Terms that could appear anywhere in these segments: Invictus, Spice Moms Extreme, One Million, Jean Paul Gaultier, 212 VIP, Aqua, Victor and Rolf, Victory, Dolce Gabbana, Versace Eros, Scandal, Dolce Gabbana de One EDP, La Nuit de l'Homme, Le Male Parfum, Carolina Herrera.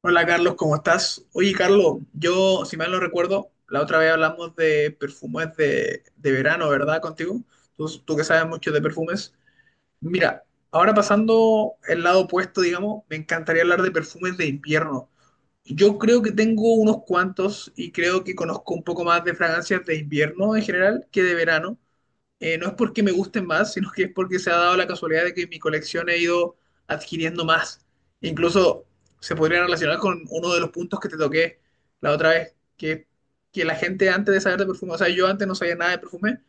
Hola Carlos, ¿cómo estás? Oye Carlos, yo si mal no recuerdo, la otra vez hablamos de perfumes de verano, ¿verdad? Contigo, tú que sabes mucho de perfumes. Mira, ahora pasando el lado opuesto, digamos, me encantaría hablar de perfumes de invierno. Yo creo que tengo unos cuantos y creo que conozco un poco más de fragancias de invierno en general que de verano, no es porque me gusten más, sino que es porque se ha dado la casualidad de que mi colección he ido adquiriendo más. Incluso se podría relacionar con uno de los puntos que te toqué la otra vez, que la gente antes de saber de perfume, o sea, yo antes no sabía nada de perfume,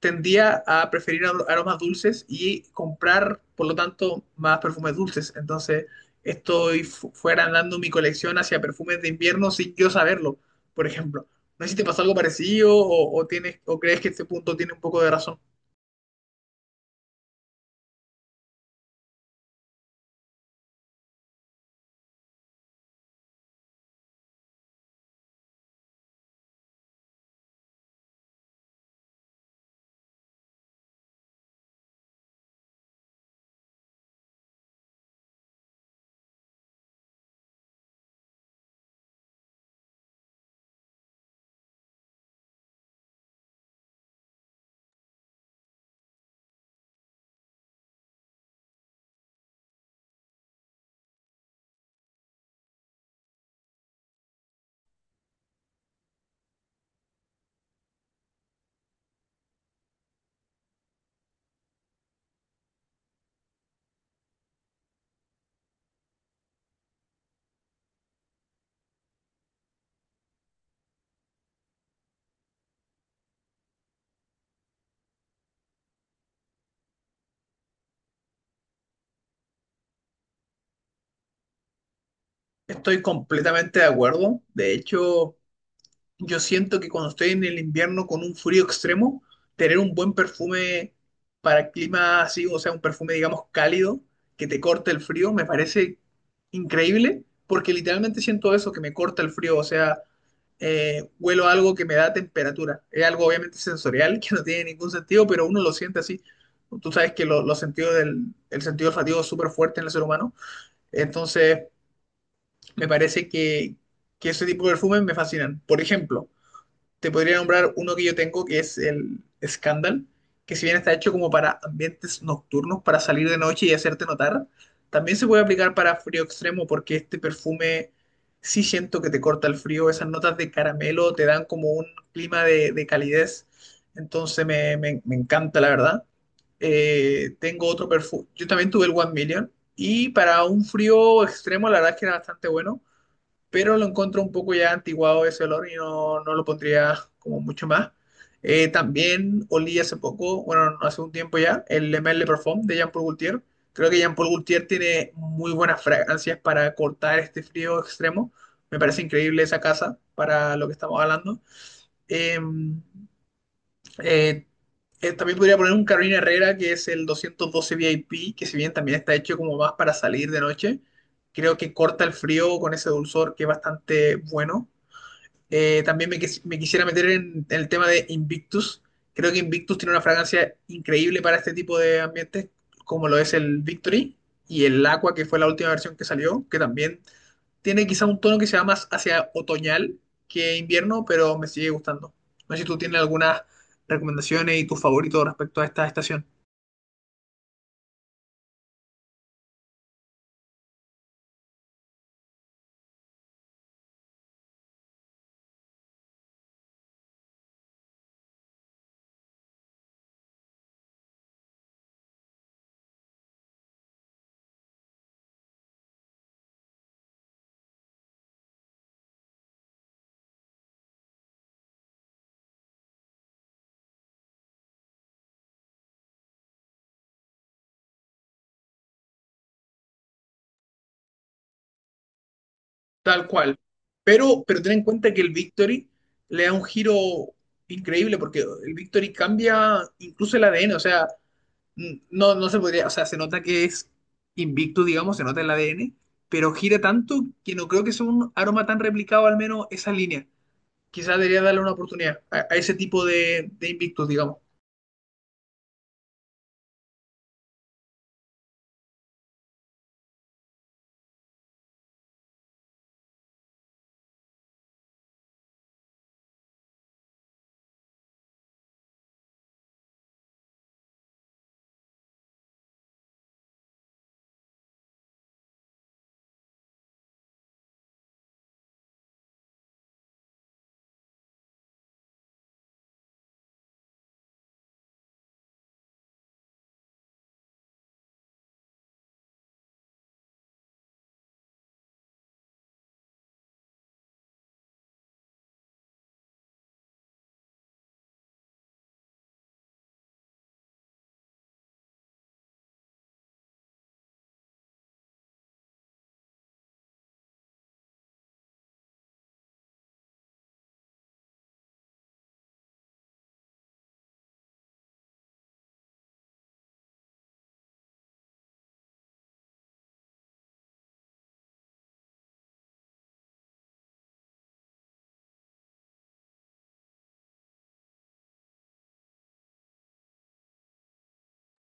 tendía a preferir aromas dulces y comprar, por lo tanto, más perfumes dulces. Entonces, estoy fuera andando mi colección hacia perfumes de invierno sin yo saberlo, por ejemplo. No sé si te pasó algo parecido o tienes, o crees que este punto tiene un poco de razón. Estoy completamente de acuerdo. De hecho, yo siento que cuando estoy en el invierno con un frío extremo, tener un buen perfume para clima así, o sea, un perfume, digamos, cálido, que te corte el frío, me parece increíble, porque literalmente siento eso, que me corta el frío, o sea, huelo algo que me da temperatura. Es algo obviamente sensorial que no tiene ningún sentido, pero uno lo siente así. Tú sabes que los sentidos del, el sentido olfativo es súper fuerte en el ser humano. Entonces, me parece que ese tipo de perfumes me fascinan. Por ejemplo, te podría nombrar uno que yo tengo que es el Scandal, que si bien está hecho como para ambientes nocturnos, para salir de noche y hacerte notar, también se puede aplicar para frío extremo porque este perfume sí siento que te corta el frío, esas notas de caramelo te dan como un clima de calidez, entonces me encanta la verdad. Tengo otro perfume, yo también tuve el One Million y para un frío extremo la verdad es que era bastante bueno pero lo encuentro un poco ya antiguado ese olor y no lo pondría como mucho más. También olí hace poco, bueno, no, hace un tiempo ya, el Le Male Parfum de Jean Paul Gaultier. Creo que Jean Paul Gaultier tiene muy buenas fragancias para cortar este frío extremo. Me parece increíble esa casa para lo que estamos hablando. Em, eh, También podría poner un Carolina Herrera, que es el 212 VIP, que si bien también está hecho como más para salir de noche, creo que corta el frío con ese dulzor que es bastante bueno. También me quisiera meter en el tema de Invictus. Creo que Invictus tiene una fragancia increíble para este tipo de ambientes, como lo es el Victory y el Aqua, que fue la última versión que salió, que también tiene quizá un tono que se va más hacia otoñal que invierno, pero me sigue gustando. No sé si tú tienes algunas recomendaciones y tus favoritos respecto a esta estación. Tal cual. Pero ten en cuenta que el Victory le da un giro increíble porque el Victory cambia incluso el ADN. O sea, no, no se podría, o sea, se nota que es invicto, digamos, se nota el ADN, pero gira tanto que no creo que sea un aroma tan replicado, al menos esa línea. Quizás debería darle una oportunidad a ese tipo de invictos, digamos.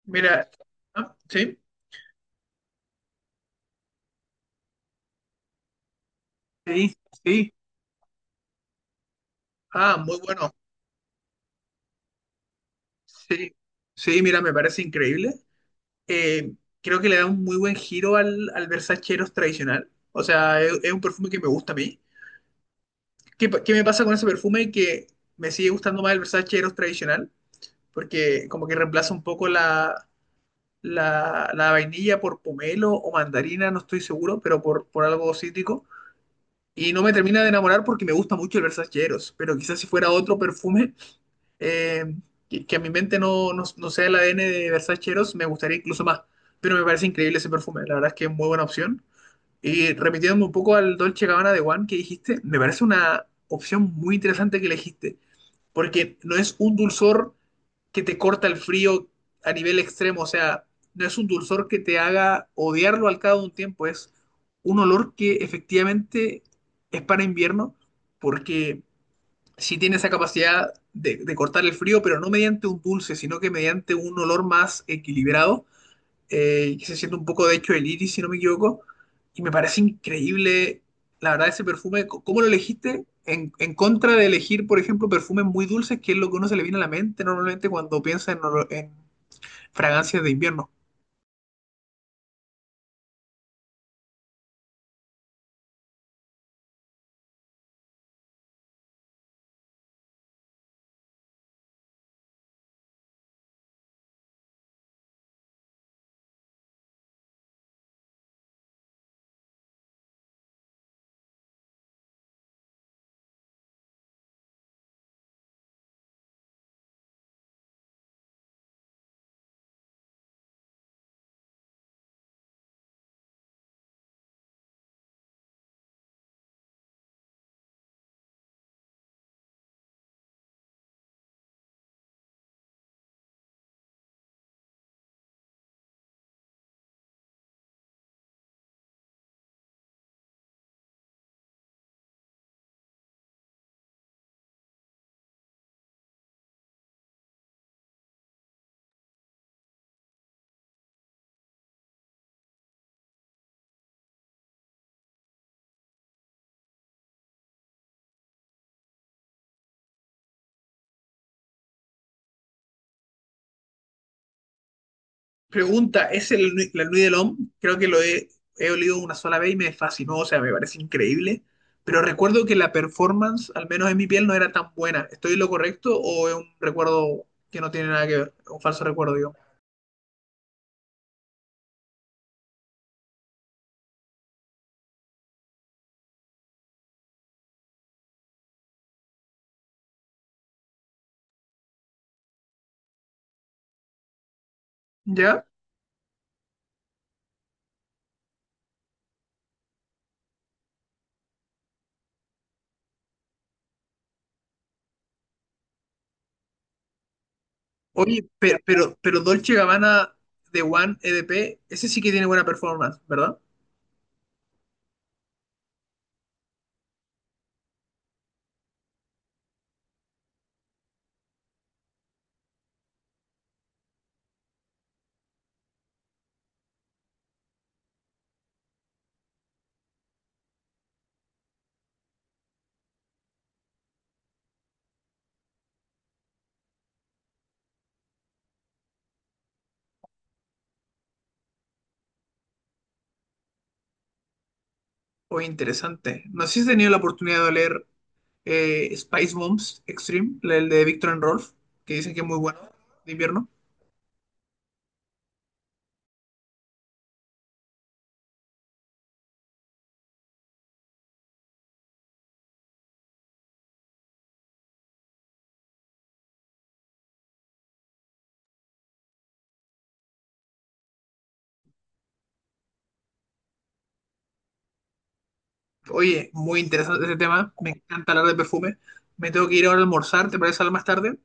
Mira, ah, sí, sí, sí, ah, muy bueno, sí, sí, mira, me parece increíble. Eh, Creo que le da un muy buen giro al Versace Eros tradicional, o sea, es un perfume que me gusta a mí. ¿Qué, qué me pasa con ese perfume que me sigue gustando más el Versace Eros tradicional? Porque como que reemplaza un poco la vainilla por pomelo o mandarina, no estoy seguro, pero por algo cítrico. Y no me termina de enamorar porque me gusta mucho el Versaceros, pero quizás si fuera otro perfume eh, que a mi mente no sea el ADN de Versaceros, me gustaría incluso más. Pero me parece increíble ese perfume, la verdad es que es muy buena opción. Y remitiéndome un poco al Dolce Gabbana de One que dijiste, me parece una opción muy interesante que elegiste, porque no es un dulzor que te corta el frío a nivel extremo, o sea, no es un dulzor que te haga odiarlo al cabo de un tiempo, es un olor que efectivamente es para invierno, porque sí tiene esa capacidad de cortar el frío, pero no mediante un dulce, sino que mediante un olor más equilibrado que se siente un poco de hecho el iris, si no me equivoco, y me parece increíble, la verdad, ese perfume, C- ¿cómo lo elegiste? En contra de elegir, por ejemplo, perfumes muy dulces, que es lo que uno se le viene a la mente normalmente cuando piensa en, olo- en fragancias de invierno. Pregunta, ¿es el, Nui- la Nuit de l'Homme? Creo que lo he olido una sola vez y me fascinó, o sea, me parece increíble, pero recuerdo que la performance, al menos en mi piel, no era tan buena. ¿Estoy en lo correcto o es un recuerdo que no tiene nada que ver? Un falso recuerdo, digo. ¿Ya? Oye, pero Dolce Gabbana de One EDP, ese sí que tiene buena performance, ¿verdad? Oye, interesante. No sé si has tenido la oportunidad de leer Spice Moms Extreme, el de Victor and Rolf, que dicen que es muy bueno de invierno. Oye, muy interesante ese tema. Me encanta hablar de perfume. Me tengo que ir ahora a almorzar, ¿te parece hablar más tarde?